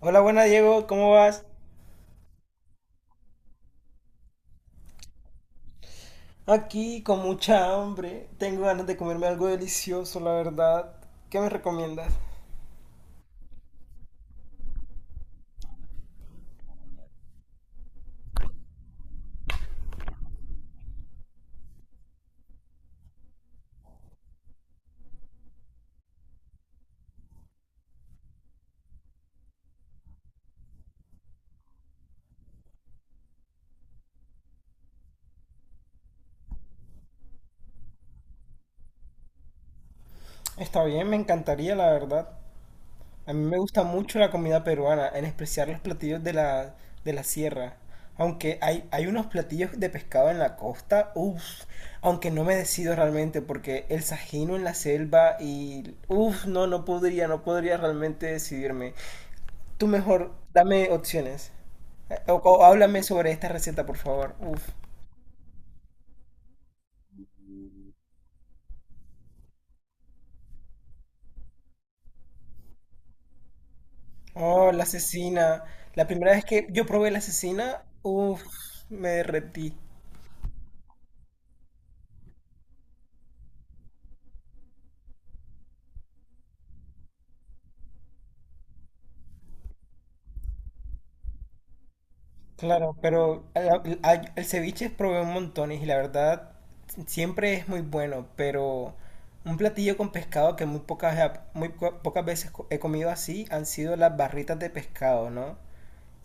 Hola, buena Diego, ¿cómo vas? Aquí con mucha hambre, tengo ganas de comerme algo delicioso, la verdad. ¿Qué me recomiendas? Está bien, me encantaría, la verdad. A mí me gusta mucho la comida peruana, en especial los platillos de la sierra. Aunque hay unos platillos de pescado en la costa, uff, aunque no me decido realmente porque el sajino en la selva y uff, no podría, no podría realmente decidirme. Tú mejor, dame opciones. O háblame sobre esta receta, por favor. Uf. Oh, la asesina. La primera vez que yo probé la asesina, uf, me derretí. Claro, pero el ceviche probé un montón y la verdad siempre es muy bueno, pero un platillo con pescado que muy pocas, muy pocas veces he comido así han sido las barritas de pescado, ¿no?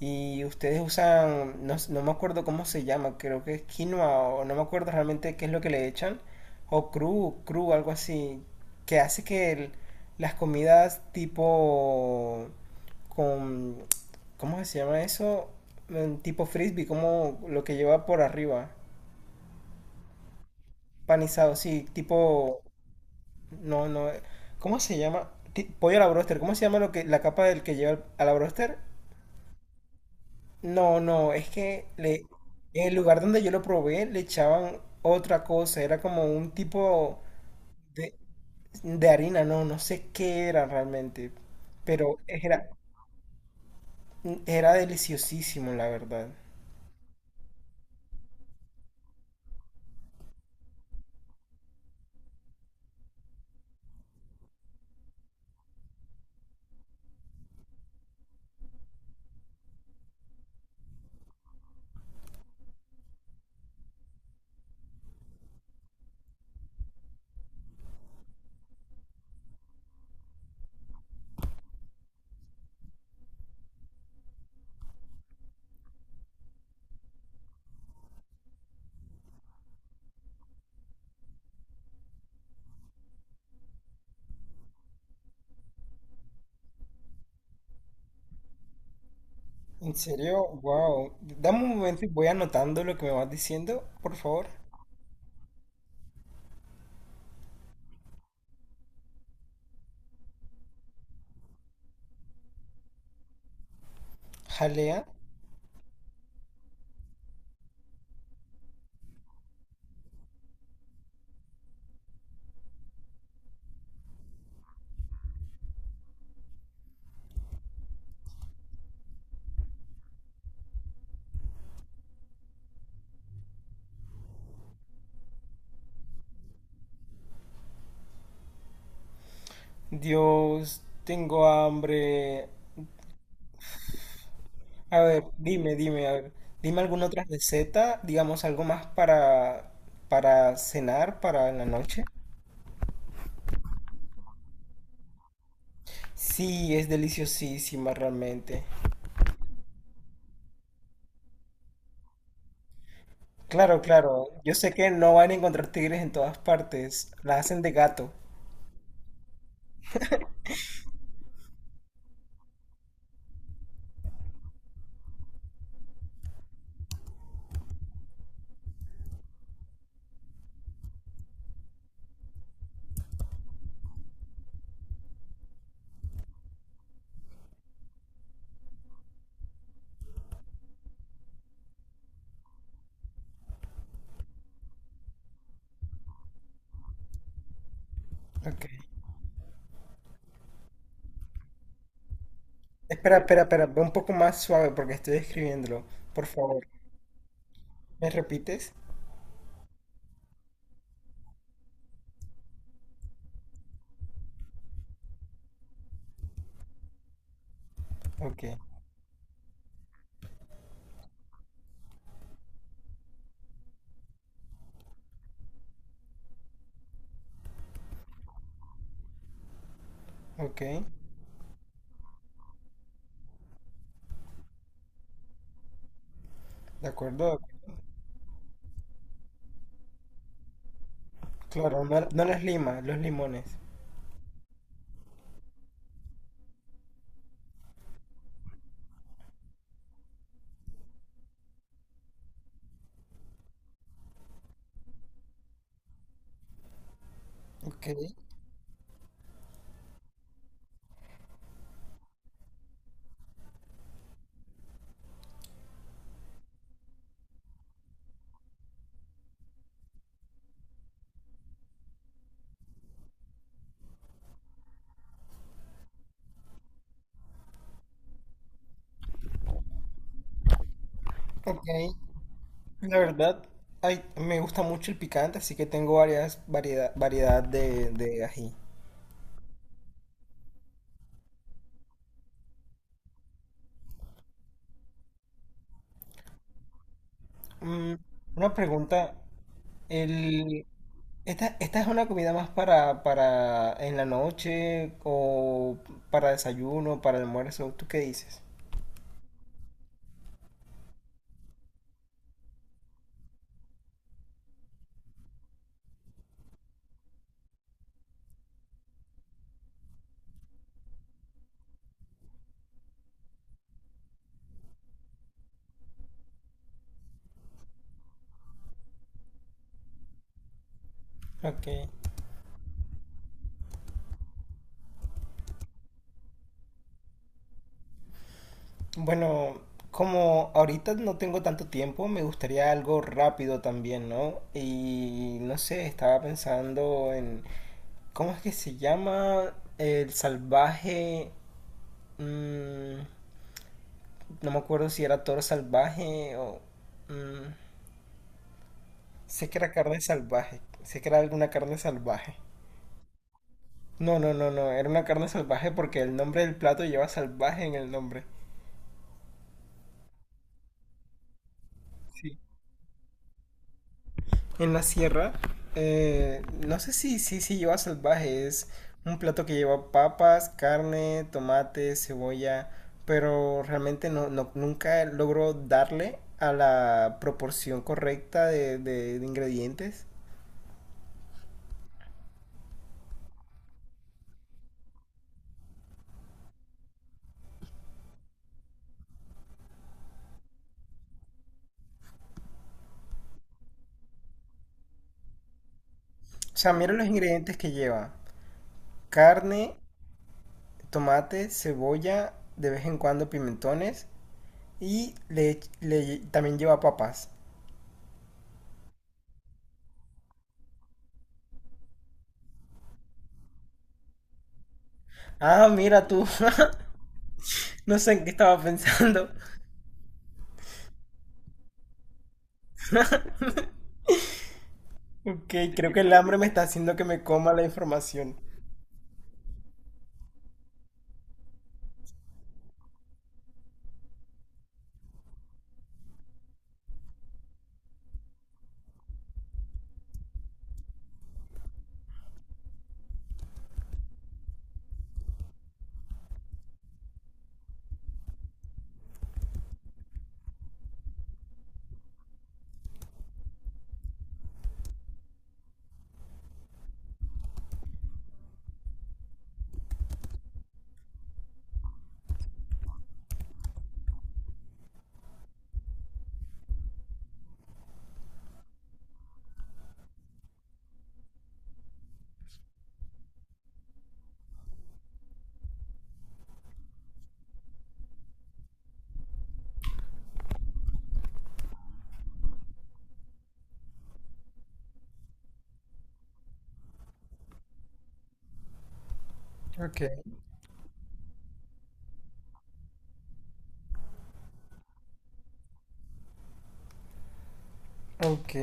Y ustedes usan, no me acuerdo cómo se llama, creo que es quinoa o no me acuerdo realmente qué es lo que le echan, o cru, algo así, que hace que las comidas tipo con, ¿cómo se llama eso? Tipo frisbee, como lo que lleva por arriba, panizado, sí, tipo, no, no, ¿cómo se llama? Pollo a la broster, ¿cómo se llama lo que, la capa del que lleva a la broster? No, no, es que le, en el lugar donde yo lo probé le echaban otra cosa, era como un tipo de, de harina, no sé qué era realmente, pero era deliciosísimo, la verdad. En serio, wow. Dame un momento y voy anotando lo que me vas diciendo, por favor. Jalea. Dios, tengo hambre. A ver, dime, a ver, dime alguna otra receta, digamos algo más para cenar, para en la noche. Sí, es deliciosísima realmente. Claro, claro, yo sé que no van a encontrar tigres en todas partes, la hacen de gato. Ok. Espera, ve un poco más suave porque estoy escribiéndolo, por favor. ¿Me repites? Ok, ok, de acuerdo. Claro, no, no las limas, los limones. Ok, ok. La verdad, ay, me gusta mucho el picante, así que tengo varias variedad de ají. Mm, una pregunta, el, esta, ¿esta es una comida más para en la noche o para desayuno, para almuerzo? ¿Tú qué dices? Ok. Bueno, como ahorita no tengo tanto tiempo, me gustaría algo rápido también, ¿no? Y no sé, estaba pensando en, ¿cómo es que se llama? El salvaje... mm, no me acuerdo si era toro salvaje o... mm, sé que era carne salvaje, sé que era alguna carne salvaje. No, no, no, no, era una carne salvaje porque el nombre del plato lleva salvaje en el nombre. Sí. En la sierra, no sé si lleva salvaje, es un plato que lleva papas, carne, tomate, cebolla, pero realmente nunca logro darle a la proporción correcta de ingredientes. O sea, mira los ingredientes que lleva. Carne, tomate, cebolla, de vez en cuando pimentones y también lleva papas. Ah, mira tú. No sé en qué estaba pensando. Ok, creo que el hambre me está haciendo que me coma la información. Ok, ok.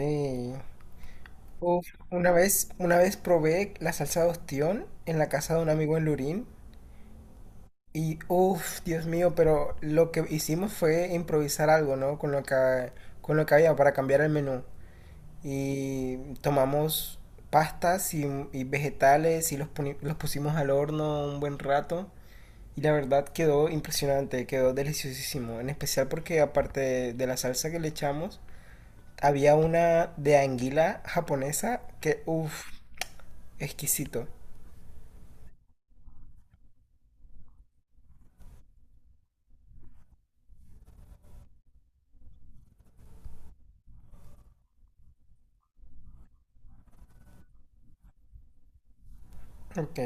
Uf, una vez probé la salsa de ostión en la casa de un amigo en Lurín. Y uff, Dios mío, pero lo que hicimos fue improvisar algo, ¿no? Con con lo que había para cambiar el menú. Y tomamos pastas y vegetales y los pusimos al horno un buen rato. Y la verdad quedó impresionante, quedó deliciosísimo. En especial porque aparte de la salsa que le echamos, había una de anguila japonesa que uff, exquisito. Ok.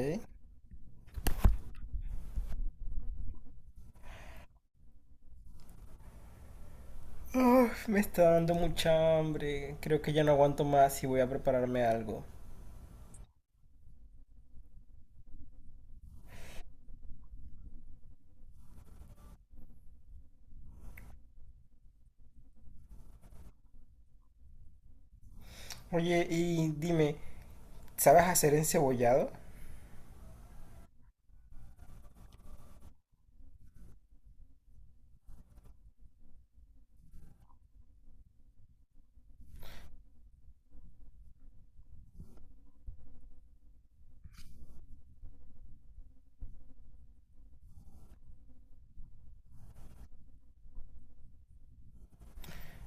Uf, me está dando mucha hambre. Creo que ya no aguanto más y voy a prepararme algo. Oye, y dime, ¿sabes hacer encebollado?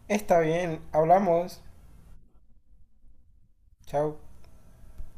Está bien, hablamos. Chao.